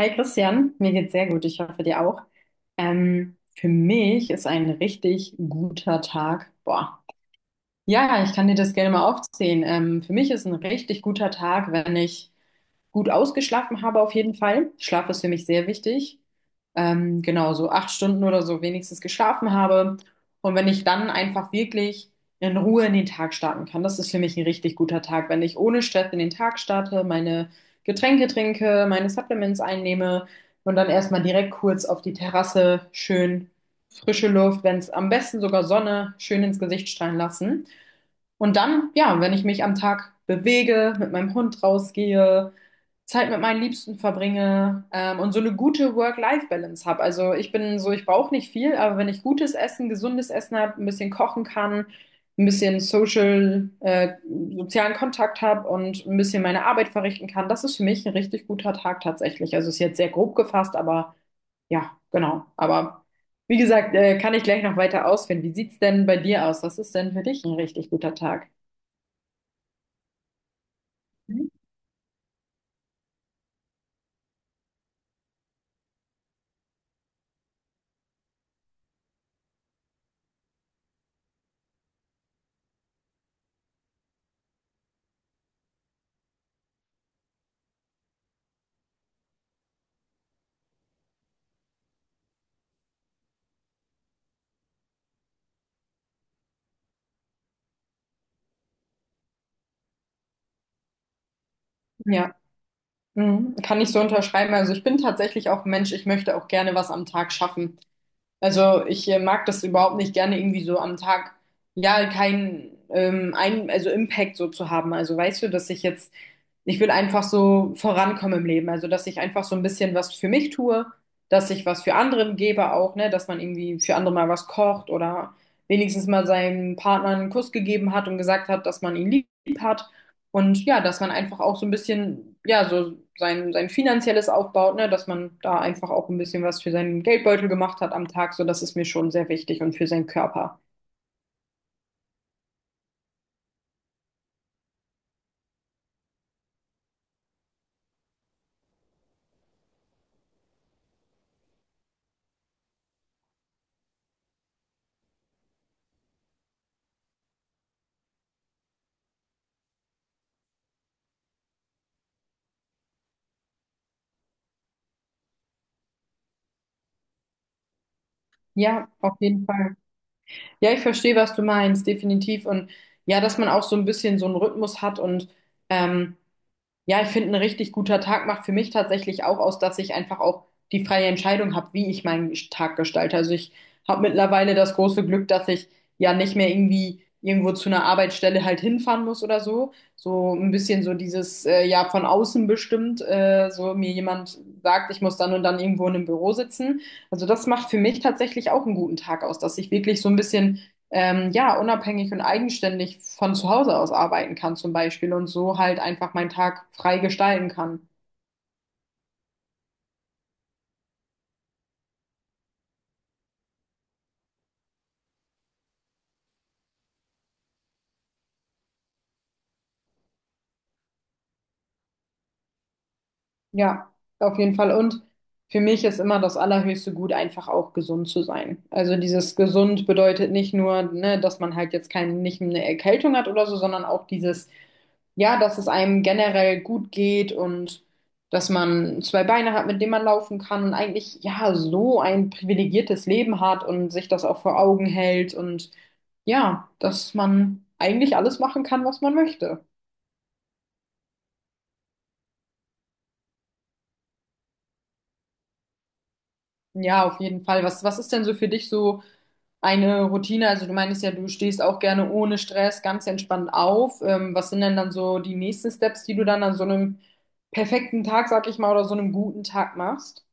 Hi Christian, mir geht's sehr gut, ich hoffe dir auch. Für mich ist ein richtig guter Tag. Boah. Ja, ich kann dir das gerne mal aufzählen. Für mich ist ein richtig guter Tag, wenn ich gut ausgeschlafen habe auf jeden Fall. Schlaf ist für mich sehr wichtig. Genau, so acht Stunden oder so wenigstens geschlafen habe. Und wenn ich dann einfach wirklich in Ruhe in den Tag starten kann, das ist für mich ein richtig guter Tag. Wenn ich ohne Stress in den Tag starte, meine Getränke trinke, meine Supplements einnehme und dann erstmal direkt kurz auf die Terrasse schön frische Luft, wenn es am besten sogar Sonne schön ins Gesicht strahlen lassen. Und dann, ja, wenn ich mich am Tag bewege, mit meinem Hund rausgehe, Zeit mit meinen Liebsten verbringe, und so eine gute Work-Life-Balance habe. Also ich bin so, ich brauche nicht viel, aber wenn ich gutes Essen, gesundes Essen habe, ein bisschen kochen kann, ein bisschen Social, sozialen Kontakt habe und ein bisschen meine Arbeit verrichten kann, das ist für mich ein richtig guter Tag tatsächlich. Also ist jetzt sehr grob gefasst, aber ja, genau. Aber wie gesagt, kann ich gleich noch weiter ausführen. Wie sieht's denn bei dir aus? Was ist denn für dich ein richtig guter Tag? Mhm. Ja, mhm. Kann ich so unterschreiben. Also ich bin tatsächlich auch ein Mensch, ich möchte auch gerne was am Tag schaffen. Also ich mag das überhaupt nicht gerne irgendwie so am Tag, ja, kein, ein, also Impact so zu haben. Also weißt du, dass ich jetzt, ich will einfach so vorankommen im Leben. Also dass ich einfach so ein bisschen was für mich tue, dass ich was für anderen gebe auch, ne, dass man irgendwie für andere mal was kocht oder wenigstens mal seinem Partner einen Kuss gegeben hat und gesagt hat, dass man ihn lieb hat. Und ja, dass man einfach auch so ein bisschen, ja, so sein, sein finanzielles aufbaut, ne, dass man da einfach auch ein bisschen was für seinen Geldbeutel gemacht hat am Tag, so das ist mir schon sehr wichtig und für seinen Körper. Ja, auf jeden Fall. Ja, ich verstehe, was du meinst, definitiv. Und ja, dass man auch so ein bisschen so einen Rhythmus hat und ähm, ja, ich finde, ein richtig guter Tag macht für mich tatsächlich auch aus, dass ich einfach auch die freie Entscheidung habe, wie ich meinen Tag gestalte. Also ich habe mittlerweile das große Glück, dass ich ja nicht mehr irgendwie irgendwo zu einer Arbeitsstelle halt hinfahren muss oder so. So ein bisschen so dieses, ja, von außen bestimmt, so mir jemand sagt, ich muss dann und dann irgendwo in einem Büro sitzen. Also das macht für mich tatsächlich auch einen guten Tag aus, dass ich wirklich so ein bisschen ja, unabhängig und eigenständig von zu Hause aus arbeiten kann zum Beispiel und so halt einfach meinen Tag frei gestalten kann. Ja, auf jeden Fall. Und für mich ist immer das allerhöchste Gut, einfach auch gesund zu sein. Also dieses gesund bedeutet nicht nur, ne, dass man halt jetzt keine, nicht eine Erkältung hat oder so, sondern auch dieses, ja, dass es einem generell gut geht und dass man zwei Beine hat, mit denen man laufen kann und eigentlich, ja, so ein privilegiertes Leben hat und sich das auch vor Augen hält und ja, dass man eigentlich alles machen kann, was man möchte. Ja, auf jeden Fall. Was ist denn so für dich so eine Routine? Also du meinst ja, du stehst auch gerne ohne Stress ganz entspannt auf. Was sind denn dann so die nächsten Steps, die du dann an so einem perfekten Tag, sag ich mal, oder so einem guten Tag machst?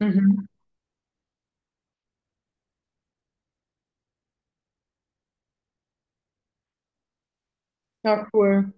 Mhm. Ja, cool.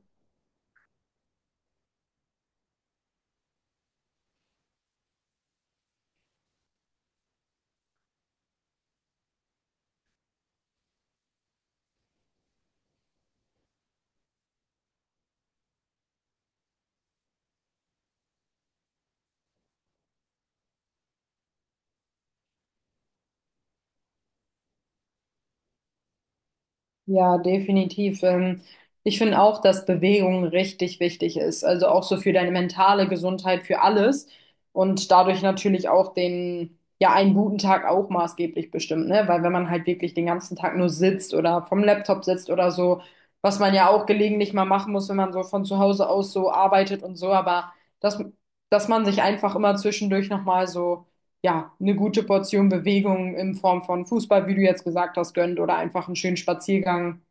Ja, definitiv. Ich finde auch, dass Bewegung richtig wichtig ist. Also auch so für deine mentale Gesundheit, für alles. Und dadurch natürlich auch den, ja, einen guten Tag auch maßgeblich bestimmt, ne? Weil wenn man halt wirklich den ganzen Tag nur sitzt oder vom Laptop sitzt oder so, was man ja auch gelegentlich mal machen muss, wenn man so von zu Hause aus so arbeitet und so, aber dass, dass man sich einfach immer zwischendurch nochmal so ja, eine gute Portion Bewegung in Form von Fußball, wie du jetzt gesagt hast, gönnt oder einfach einen schönen Spaziergang.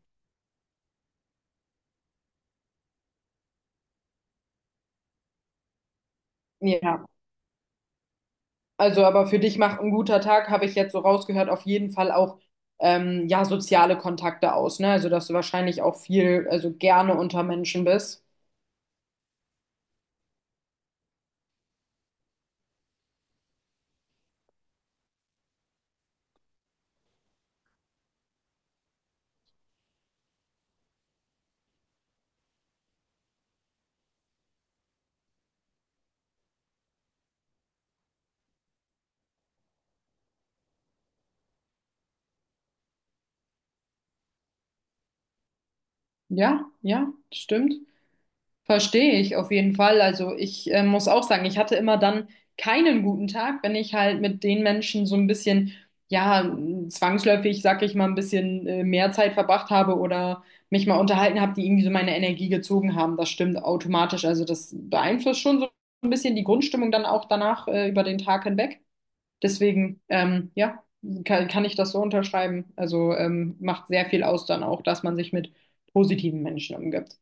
Ja, also aber für dich macht ein guter Tag, habe ich jetzt so rausgehört, auf jeden Fall auch ja, soziale Kontakte aus, ne? Also dass du wahrscheinlich auch viel, also gerne unter Menschen bist. Ja, stimmt. Verstehe ich auf jeden Fall. Also ich muss auch sagen, ich hatte immer dann keinen guten Tag, wenn ich halt mit den Menschen so ein bisschen, ja, zwangsläufig, sag ich mal, ein bisschen mehr Zeit verbracht habe oder mich mal unterhalten habe, die irgendwie so meine Energie gezogen haben. Das stimmt automatisch. Also das beeinflusst schon so ein bisschen die Grundstimmung dann auch danach über den Tag hinweg. Deswegen, ja, kann ich das so unterschreiben. Also macht sehr viel aus dann auch, dass man sich mit positiven Menschen umgibt.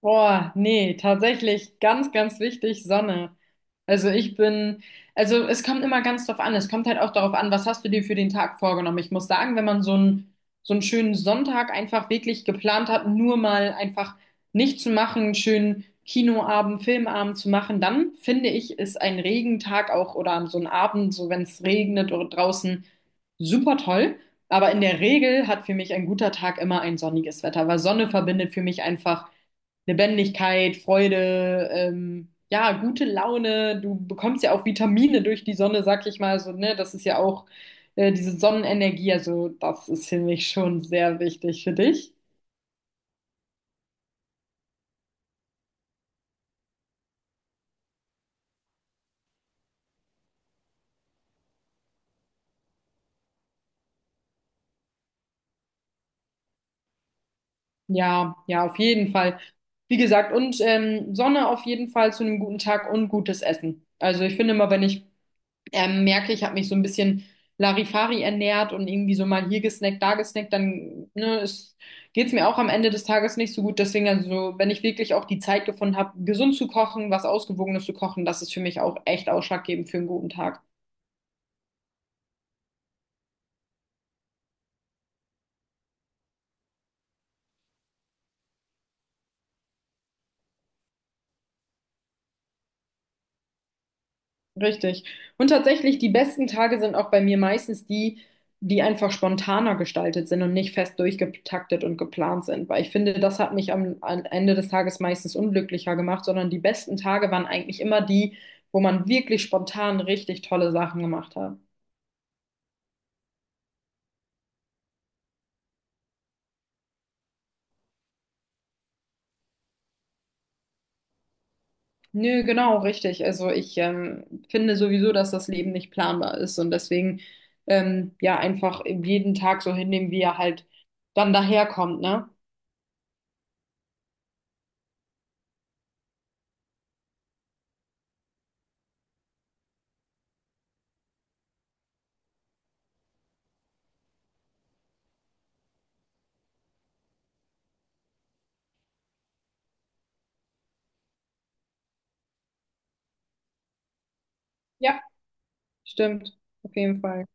Boah, nee, tatsächlich ganz, ganz wichtig, Sonne. Also ich bin, also es kommt immer ganz drauf an. Es kommt halt auch darauf an, was hast du dir für den Tag vorgenommen. Ich muss sagen, wenn man so einen schönen Sonntag einfach wirklich geplant hat, nur mal einfach nichts zu machen, einen schönen Kinoabend, Filmabend zu machen, dann finde ich, ist ein Regentag auch oder so ein Abend, so wenn es regnet oder draußen, super toll. Aber in der Regel hat für mich ein guter Tag immer ein sonniges Wetter, weil Sonne verbindet für mich einfach. Lebendigkeit, Freude, ja, gute Laune. Du bekommst ja auch Vitamine durch die Sonne, sag ich mal so, ne? Das ist ja auch diese Sonnenenergie, also das ist für mich schon sehr wichtig für dich. Ja, auf jeden Fall. Wie gesagt, und Sonne auf jeden Fall zu einem guten Tag und gutes Essen. Also ich finde immer, wenn ich merke, ich habe mich so ein bisschen Larifari ernährt und irgendwie so mal hier gesnackt, da gesnackt, dann ne, es, geht's mir auch am Ende des Tages nicht so gut. Deswegen, also, wenn ich wirklich auch die Zeit gefunden habe, gesund zu kochen, was Ausgewogenes zu kochen, das ist für mich auch echt ausschlaggebend für einen guten Tag. Richtig. Und tatsächlich, die besten Tage sind auch bei mir meistens die, die einfach spontaner gestaltet sind und nicht fest durchgetaktet und geplant sind. Weil ich finde, das hat mich am Ende des Tages meistens unglücklicher gemacht, sondern die besten Tage waren eigentlich immer die, wo man wirklich spontan richtig tolle Sachen gemacht hat. Nö, genau, richtig. Also ich finde sowieso, dass das Leben nicht planbar ist und deswegen ja einfach jeden Tag so hinnehmen, wie er halt dann daherkommt, ne? Ja, stimmt. Auf jeden Fall.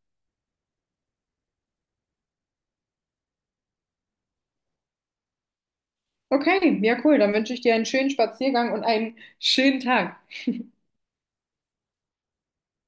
Okay, ja cool. Dann wünsche ich dir einen schönen Spaziergang und einen schönen Tag.